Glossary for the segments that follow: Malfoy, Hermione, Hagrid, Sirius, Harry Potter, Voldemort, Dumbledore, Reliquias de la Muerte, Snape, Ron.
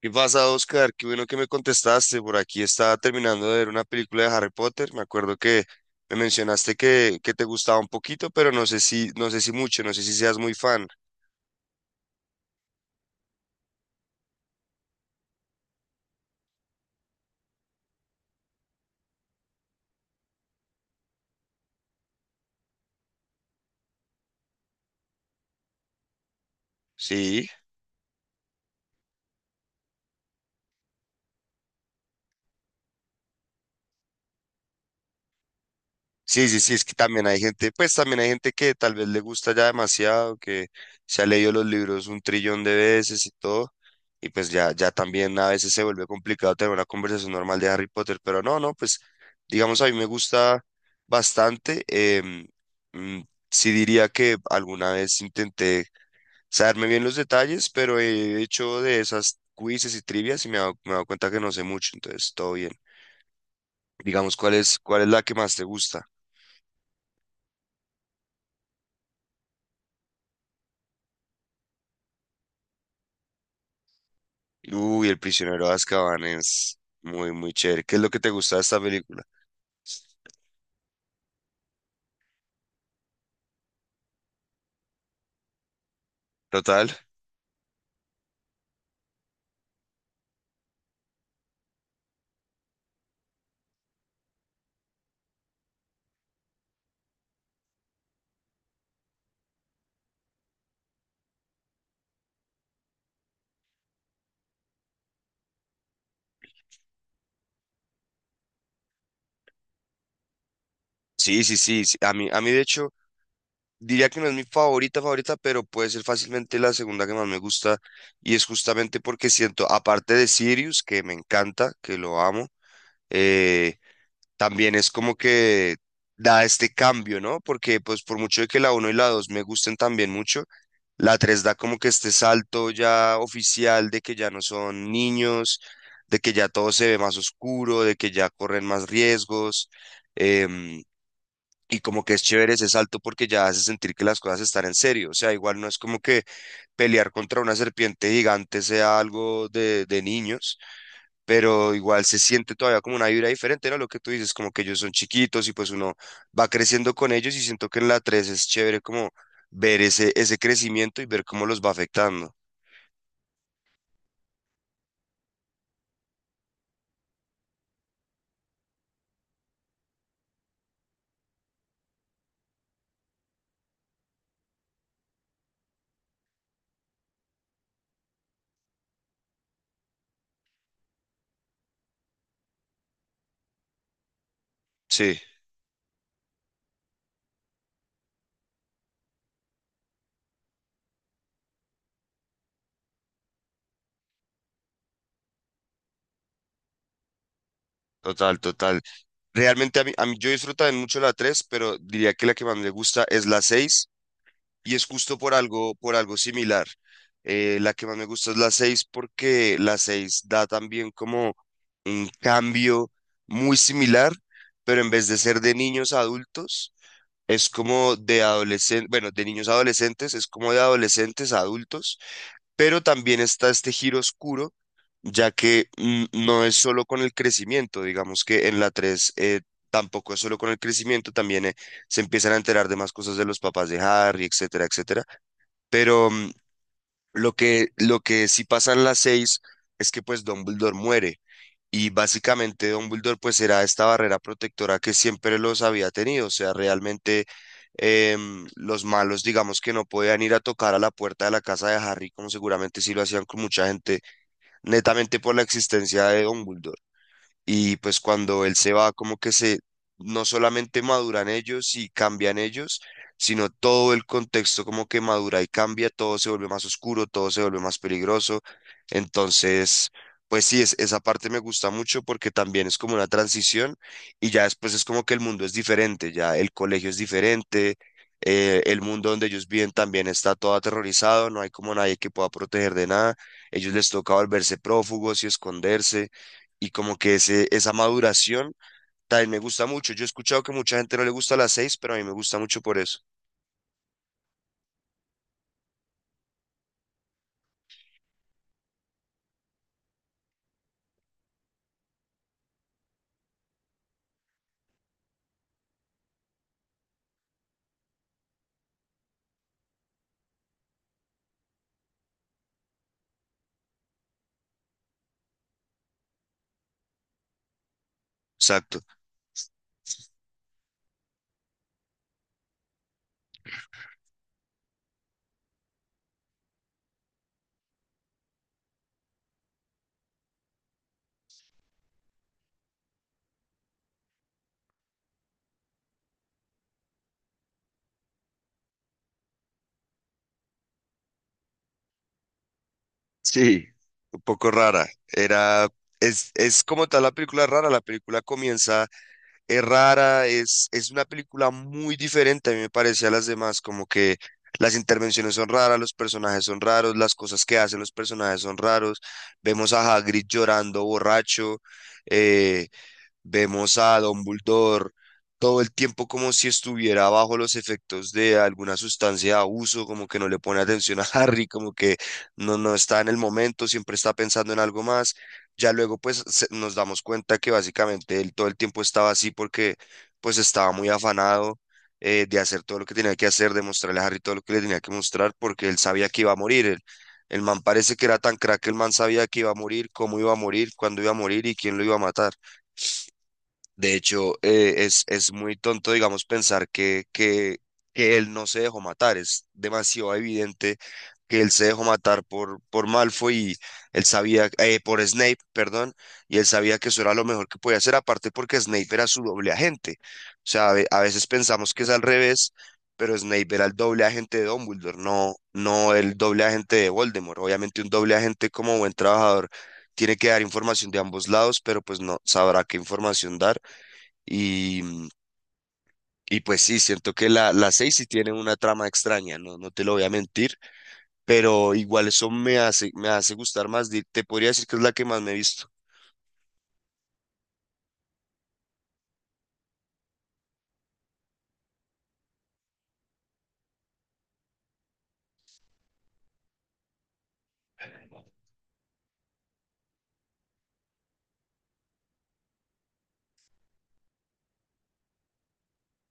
¿Qué pasa, Oscar? Qué bueno que me contestaste. Por aquí estaba terminando de ver una película de Harry Potter. Me acuerdo que me mencionaste que te gustaba un poquito, pero no sé si mucho, no sé si seas muy fan. Sí. Sí, sí, sí, es que también hay gente, pues también hay gente que tal vez le gusta ya demasiado, que se ha leído los libros un trillón de veces y todo, y pues ya también a veces se vuelve complicado tener una conversación normal de Harry Potter, pero no, no, pues digamos a mí me gusta bastante, mm, sí diría que alguna vez intenté saberme bien los detalles, pero he hecho de esas quizzes y trivias y me he dado cuenta que no sé mucho, entonces todo bien. Digamos, ¿cuál es la que más te gusta? Uy, El prisionero de Azkaban es muy, muy chévere. ¿Qué es lo que te gusta de esta película? Total. Sí, sí, sí, sí. A mí, de hecho, diría que no es mi favorita, favorita, pero puede ser fácilmente la segunda que más me gusta. Y es justamente porque siento, aparte de Sirius, que me encanta, que lo amo, eh, también es como que da este cambio, ¿no? Porque pues por mucho de que la uno y la 2 me gusten también mucho, la 3 da como que este salto ya oficial de que ya no son niños, de que ya todo se ve más oscuro, de que ya corren más riesgos. em, y como que es chévere ese salto porque ya hace sentir que las cosas están en serio. O sea, igual no es como que pelear contra una serpiente gigante sea algo de niños, pero igual se siente todavía como una vibra diferente, ¿no? Lo que tú dices, como que ellos son chiquitos y pues uno va creciendo con ellos y siento que en la 3 es chévere como ver ese crecimiento y ver cómo los va afectando. Sí, total, total. Realmente a mí yo disfruto también mucho la tres, pero diría que la que más me gusta es la seis, y es justo por algo, similar. La que más me gusta es la 6 porque la 6 da también como un cambio muy similar, pero en vez de ser de niños a adultos, es como de adolescentes, bueno, de niños a adolescentes, es como de adolescentes a adultos, pero también está este giro oscuro, ya que no es solo con el crecimiento, digamos que en la 3 tampoco es solo con el crecimiento, también se empiezan a enterar de más cosas de los papás de Harry, etcétera, etcétera. Pero lo que sí pasa en las seis es que pues Dumbledore muere, y básicamente Dumbledore pues era esta barrera protectora que siempre los había tenido. O sea, realmente los malos digamos que no podían ir a tocar a la puerta de la casa de Harry, como seguramente sí lo hacían con mucha gente, netamente por la existencia de Dumbledore. Y pues cuando él se va, como que no solamente maduran ellos y cambian ellos, sino todo el contexto como que madura y cambia, todo se vuelve más oscuro, todo se vuelve más peligroso. Entonces, pues sí, esa parte me gusta mucho porque también es como una transición, y ya después es como que el mundo es diferente, ya el colegio es diferente, el mundo donde ellos viven también está todo aterrorizado, no hay como nadie que pueda proteger de nada, ellos les toca volverse prófugos y esconderse, y como que esa maduración también me gusta mucho. Yo he escuchado que mucha gente no le gusta las seis, pero a mí me gusta mucho por eso. Exacto. Sí, un poco rara. Es como tal la película rara. La película comienza, es rara, es una película muy diferente, a mí me parece, a las demás, como que las intervenciones son raras, los personajes son raros, las cosas que hacen los personajes son raros. Vemos a Hagrid llorando borracho. eh, Vemos a Dumbledore todo el tiempo como si estuviera bajo los efectos de alguna sustancia de abuso, como que no le pone atención a Harry, como que no está en el momento, siempre está pensando en algo más. Ya luego pues nos damos cuenta que básicamente él todo el tiempo estaba así porque pues estaba muy afanado, de hacer todo lo que tenía que hacer, de mostrarle a Harry todo lo que le tenía que mostrar porque él sabía que iba a morir. El man parece que era tan crack que el man sabía que iba a morir, cómo iba a morir, cuándo iba a morir y quién lo iba a matar. De hecho, es muy tonto, digamos, pensar que él no se dejó matar. Es demasiado evidente que él se dejó matar por, Malfoy, y él sabía, por Snape, perdón, y él sabía que eso era lo mejor que podía hacer, aparte porque Snape era su doble agente. O sea, a veces pensamos que es al revés, pero Snape era el doble agente de Dumbledore, no el doble agente de Voldemort. Obviamente un doble agente, como buen trabajador, tiene que dar información de ambos lados, pero pues no sabrá qué información dar. Y, mm, y pues sí, siento que la, 6 sí tiene una trama extraña, no te lo voy a mentir, pero igual eso me hace gustar más. Te podría decir que es la que más me he visto.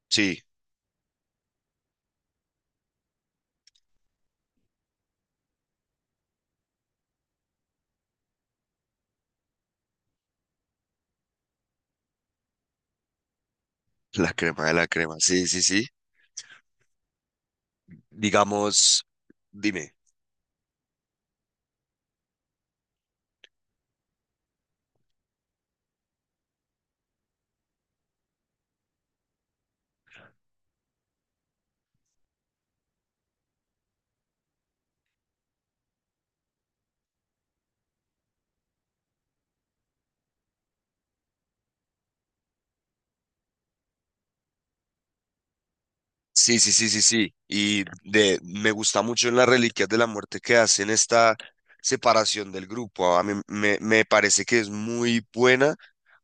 Sí, la crema de la crema, sí, sí, sí. Digamos, dime. Sí, sí, sí, sí, sí. Y de, me gusta mucho en las Reliquias de la Muerte que hacen esta separación del grupo. A mí me parece que es muy buena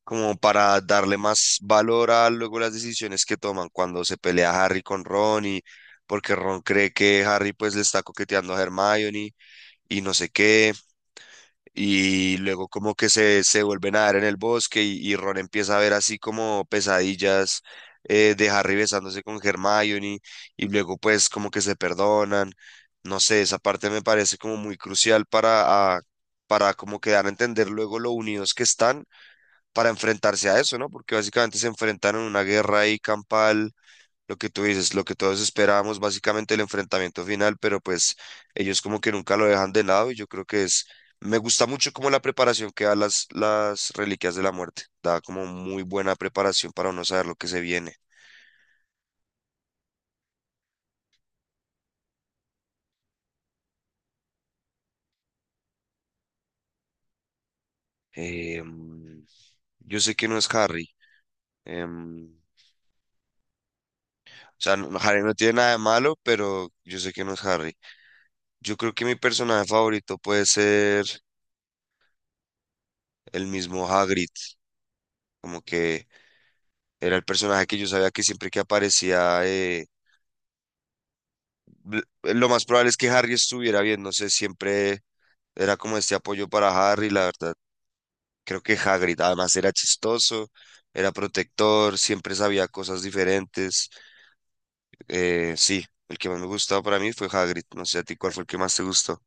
como para darle más valor a luego las decisiones que toman cuando se pelea Harry con Ron, y porque Ron cree que Harry pues le está coqueteando a Hermione y no sé qué, y luego como que se vuelven a ver en el bosque, y Ron empieza a ver así como pesadillas, de Harry besándose con Hermione, y luego pues como que se perdonan. No sé, esa parte me parece como muy crucial para, ah, para como que dar a entender luego lo unidos que están para enfrentarse a eso, ¿no? Porque básicamente se enfrentaron a una guerra ahí campal, lo que tú dices, lo que todos esperábamos, básicamente el enfrentamiento final, pero pues ellos como que nunca lo dejan de lado, y yo creo que es, me gusta mucho como la preparación que da las, Reliquias de la Muerte, da como muy buena preparación para uno saber lo que se viene. Em, yo sé que no es Harry. em, o sea, no, Harry no tiene nada de malo, pero yo sé que no es Harry. Yo creo que mi personaje favorito puede ser el mismo Hagrid. Como que era el personaje que yo sabía que siempre que aparecía, lo más probable es que Harry estuviera bien, no sé, siempre era como este apoyo para Harry, la verdad. Creo que Hagrid además era chistoso, era protector, siempre sabía cosas diferentes. Sí, el que más me gustaba para mí fue Hagrid, no sé a ti cuál fue el que más te gustó.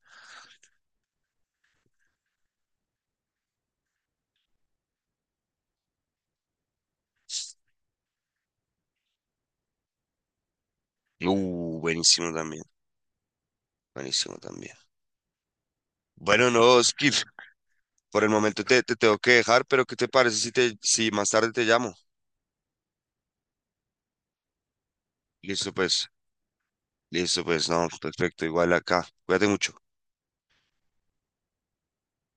Buenísimo también, buenísimo también. Bueno, no, Skip, por el momento te tengo que dejar, pero ¿qué te parece si, si más tarde te llamo? Listo, pues. Listo, pues no, perfecto, igual acá. Cuídate mucho.